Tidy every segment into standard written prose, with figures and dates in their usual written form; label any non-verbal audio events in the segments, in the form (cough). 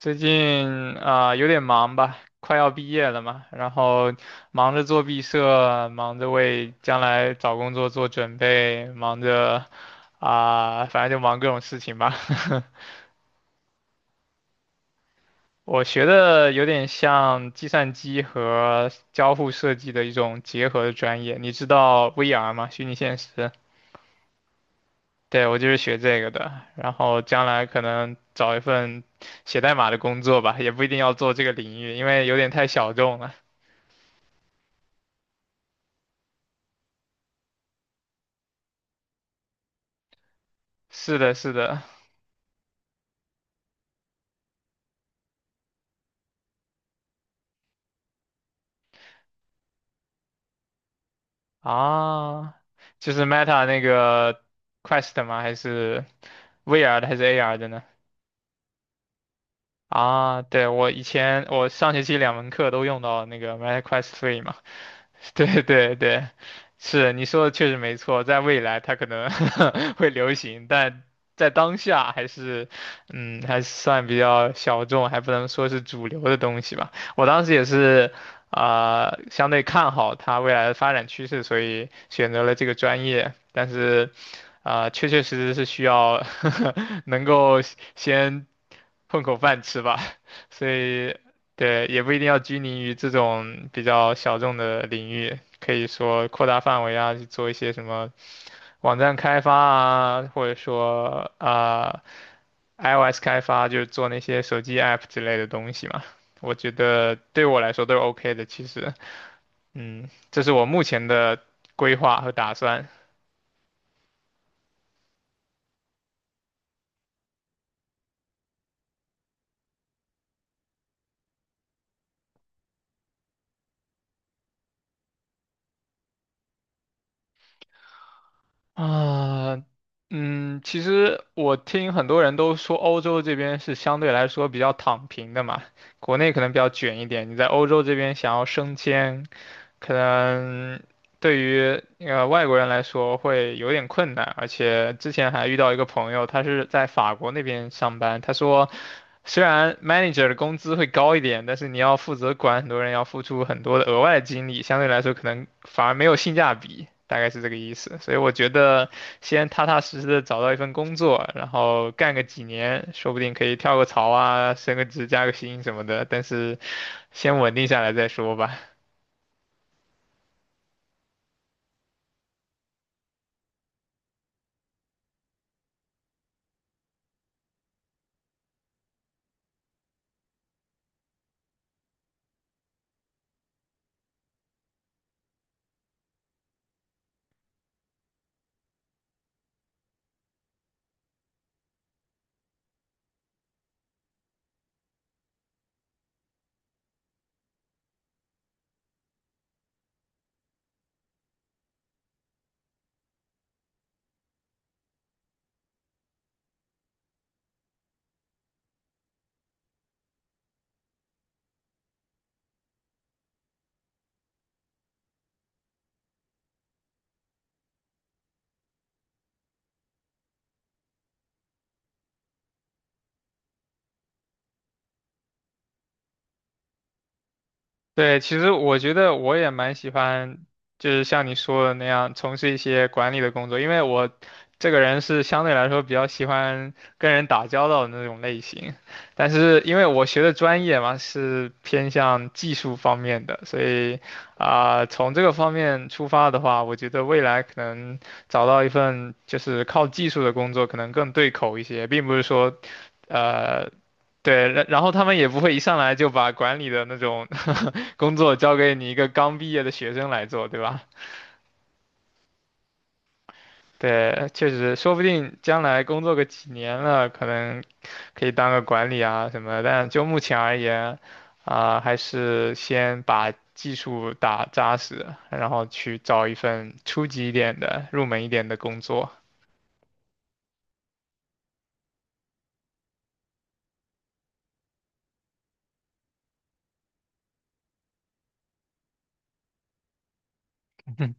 最近有点忙吧，快要毕业了嘛，然后忙着做毕设，忙着为将来找工作做准备，忙着反正就忙各种事情吧。(laughs) 我学的有点像计算机和交互设计的一种结合的专业，你知道 VR 吗？虚拟现实。对，我就是学这个的，然后将来可能找一份写代码的工作吧，也不一定要做这个领域，因为有点太小众了。是的，是的，啊，就是 Meta 那个 Quest 吗？还是 VR 的还是 AR 的呢？啊，对，我以前我上学期两门课都用到那个 MetaQuest e 嘛，(laughs) 对对对，是你说的确实没错，在未来它可能 (laughs) 会流行，但在当下还是，嗯，还算比较小众，还不能说是主流的东西吧。我当时也是，相对看好它未来的发展趋势，所以选择了这个专业，但是。确确实实是需要 (laughs) 能够先混口饭吃吧，(laughs) 所以对，也不一定要拘泥于这种比较小众的领域，可以说扩大范围啊，去做一些什么网站开发啊，或者说iOS 开发，就是做那些手机 app 之类的东西嘛。我觉得对我来说都是 OK 的，其实，嗯，这是我目前的规划和打算。啊，嗯，其实我听很多人都说欧洲这边是相对来说比较躺平的嘛，国内可能比较卷一点。你在欧洲这边想要升迁，可能对于外国人来说会有点困难，而且之前还遇到一个朋友，他是在法国那边上班，他说虽然 manager 的工资会高一点，但是你要负责管很多人，要付出很多的额外的精力，相对来说可能反而没有性价比，大概是这个意思。所以我觉得先踏踏实实的找到一份工作，然后干个几年，说不定可以跳个槽啊，升个职、加个薪什么的，但是先稳定下来再说吧。对，其实我觉得我也蛮喜欢，就是像你说的那样，从事一些管理的工作，因为我这个人是相对来说比较喜欢跟人打交道的那种类型。但是因为我学的专业嘛，是偏向技术方面的，所以从这个方面出发的话，我觉得未来可能找到一份就是靠技术的工作，可能更对口一些，并不是说呃。对，然后他们也不会一上来就把管理的那种工作交给你一个刚毕业的学生来做，对吧？对，确实，说不定将来工作个几年了，可能可以当个管理啊什么的。但就目前而言，还是先把技术打扎实，然后去找一份初级一点的、入门一点的工作。(laughs)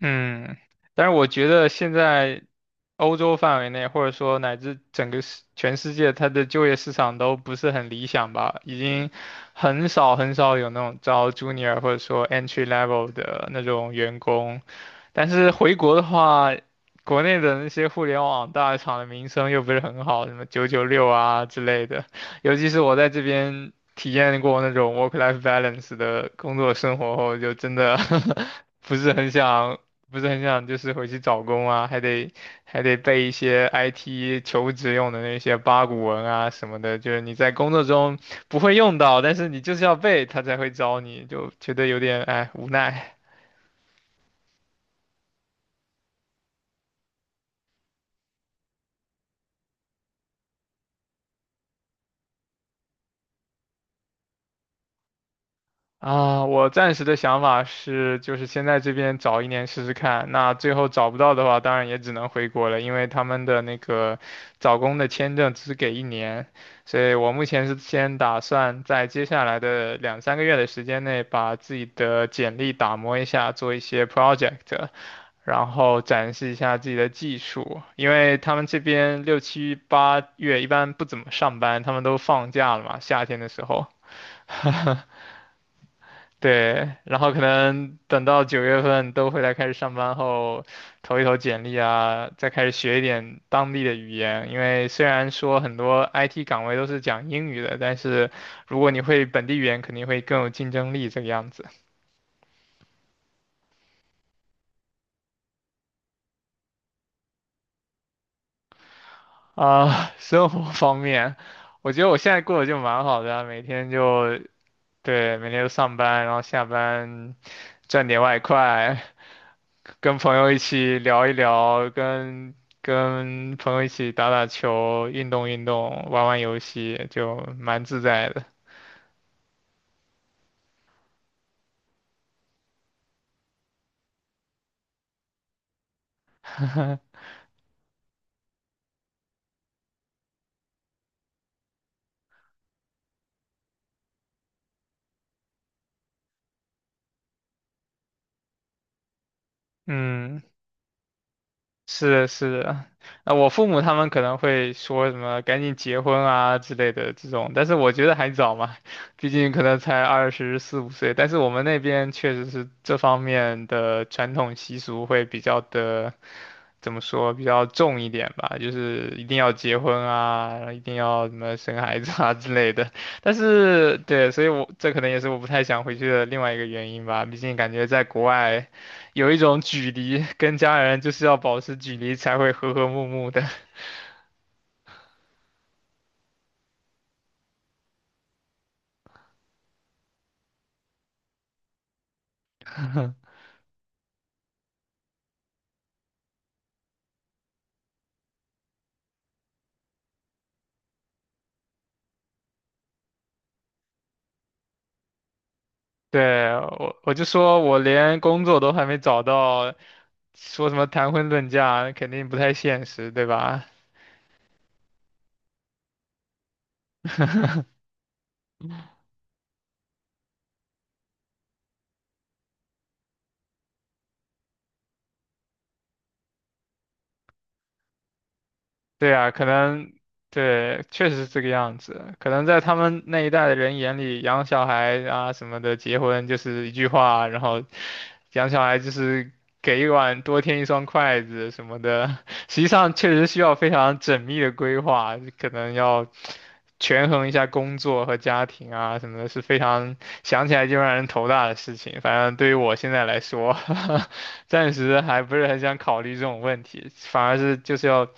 嗯，但是我觉得现在欧洲范围内，或者说乃至整个全世界，它的就业市场都不是很理想吧，已经很少很少有那种招 junior 或者说 entry level 的那种员工。但是回国的话，国内的那些互联网大厂的名声又不是很好，什么996啊之类的，尤其是我在这边体验过那种 work-life balance 的工作生活后，就真的 (laughs) 不是很想。不是很想就是回去找工啊，还得背一些 IT 求职用的那些八股文啊什么的，就是你在工作中不会用到，但是你就是要背，他才会招你，就觉得有点哎无奈。啊，我暂时的想法是，就是先在这边找一年试试看。那最后找不到的话，当然也只能回国了，因为他们的那个找工的签证只给一年，所以我目前是先打算在接下来的两三个月的时间内，把自己的简历打磨一下，做一些 project，然后展示一下自己的技术。因为他们这边六七八月一般不怎么上班，他们都放假了嘛，夏天的时候。(laughs) 对，然后可能等到9月份都回来开始上班后，投一投简历啊，再开始学一点当地的语言。因为虽然说很多 IT 岗位都是讲英语的，但是如果你会本地语言，肯定会更有竞争力这个样子。生活方面，我觉得我现在过得就蛮好的啊每天就对，每天就上班，然后下班赚点外快，跟朋友一起聊一聊，跟朋友一起打打球，运动运动，玩玩游戏，就蛮自在的。(laughs) 嗯，是的，是的。那我父母他们可能会说什么“赶紧结婚啊”之类的这种，但是我觉得还早嘛，(laughs) 毕竟可能才二十四五岁。但是我们那边确实是这方面的传统习俗会比较的。怎么说比较重一点吧，就是一定要结婚啊，一定要什么生孩子啊 (laughs) 之类的。但是对，所以我这可能也是我不太想回去的另外一个原因吧。毕竟感觉在国外有一种距离，跟家人就是要保持距离才会和和睦睦的。(laughs) 对，我就说我连工作都还没找到，说什么谈婚论嫁肯定不太现实，对吧？(laughs) 对啊，可能对，确实是这个样子。可能在他们那一代的人眼里，养小孩啊什么的，结婚就是一句话，然后养小孩就是给一碗多添一双筷子什么的。(laughs) 实际上，确实需要非常缜密的规划，可能要权衡一下工作和家庭啊什么的，是非常想起来就让人头大的事情。反正对于我现在来说，(laughs) 暂时还不是很想考虑这种问题，反而是就是要。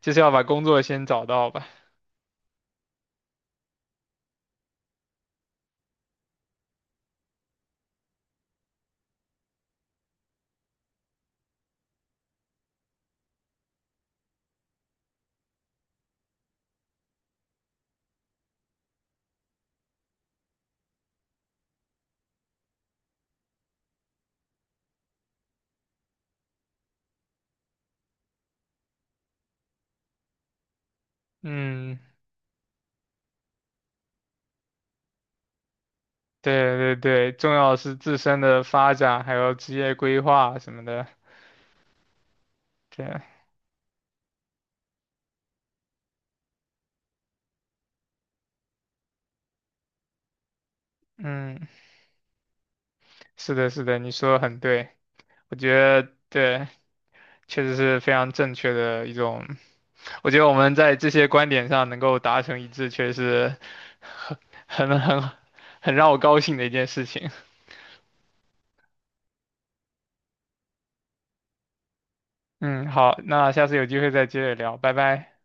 就是要把工作先找到吧。嗯，对对对，重要是自身的发展，还有职业规划什么的。对，嗯，是的，是的，你说的很对，我觉得对，确实是非常正确的一种。我觉得我们在这些观点上能够达成一致，确实很很很很让我高兴的一件事情。嗯，好，那下次有机会再接着聊，拜拜。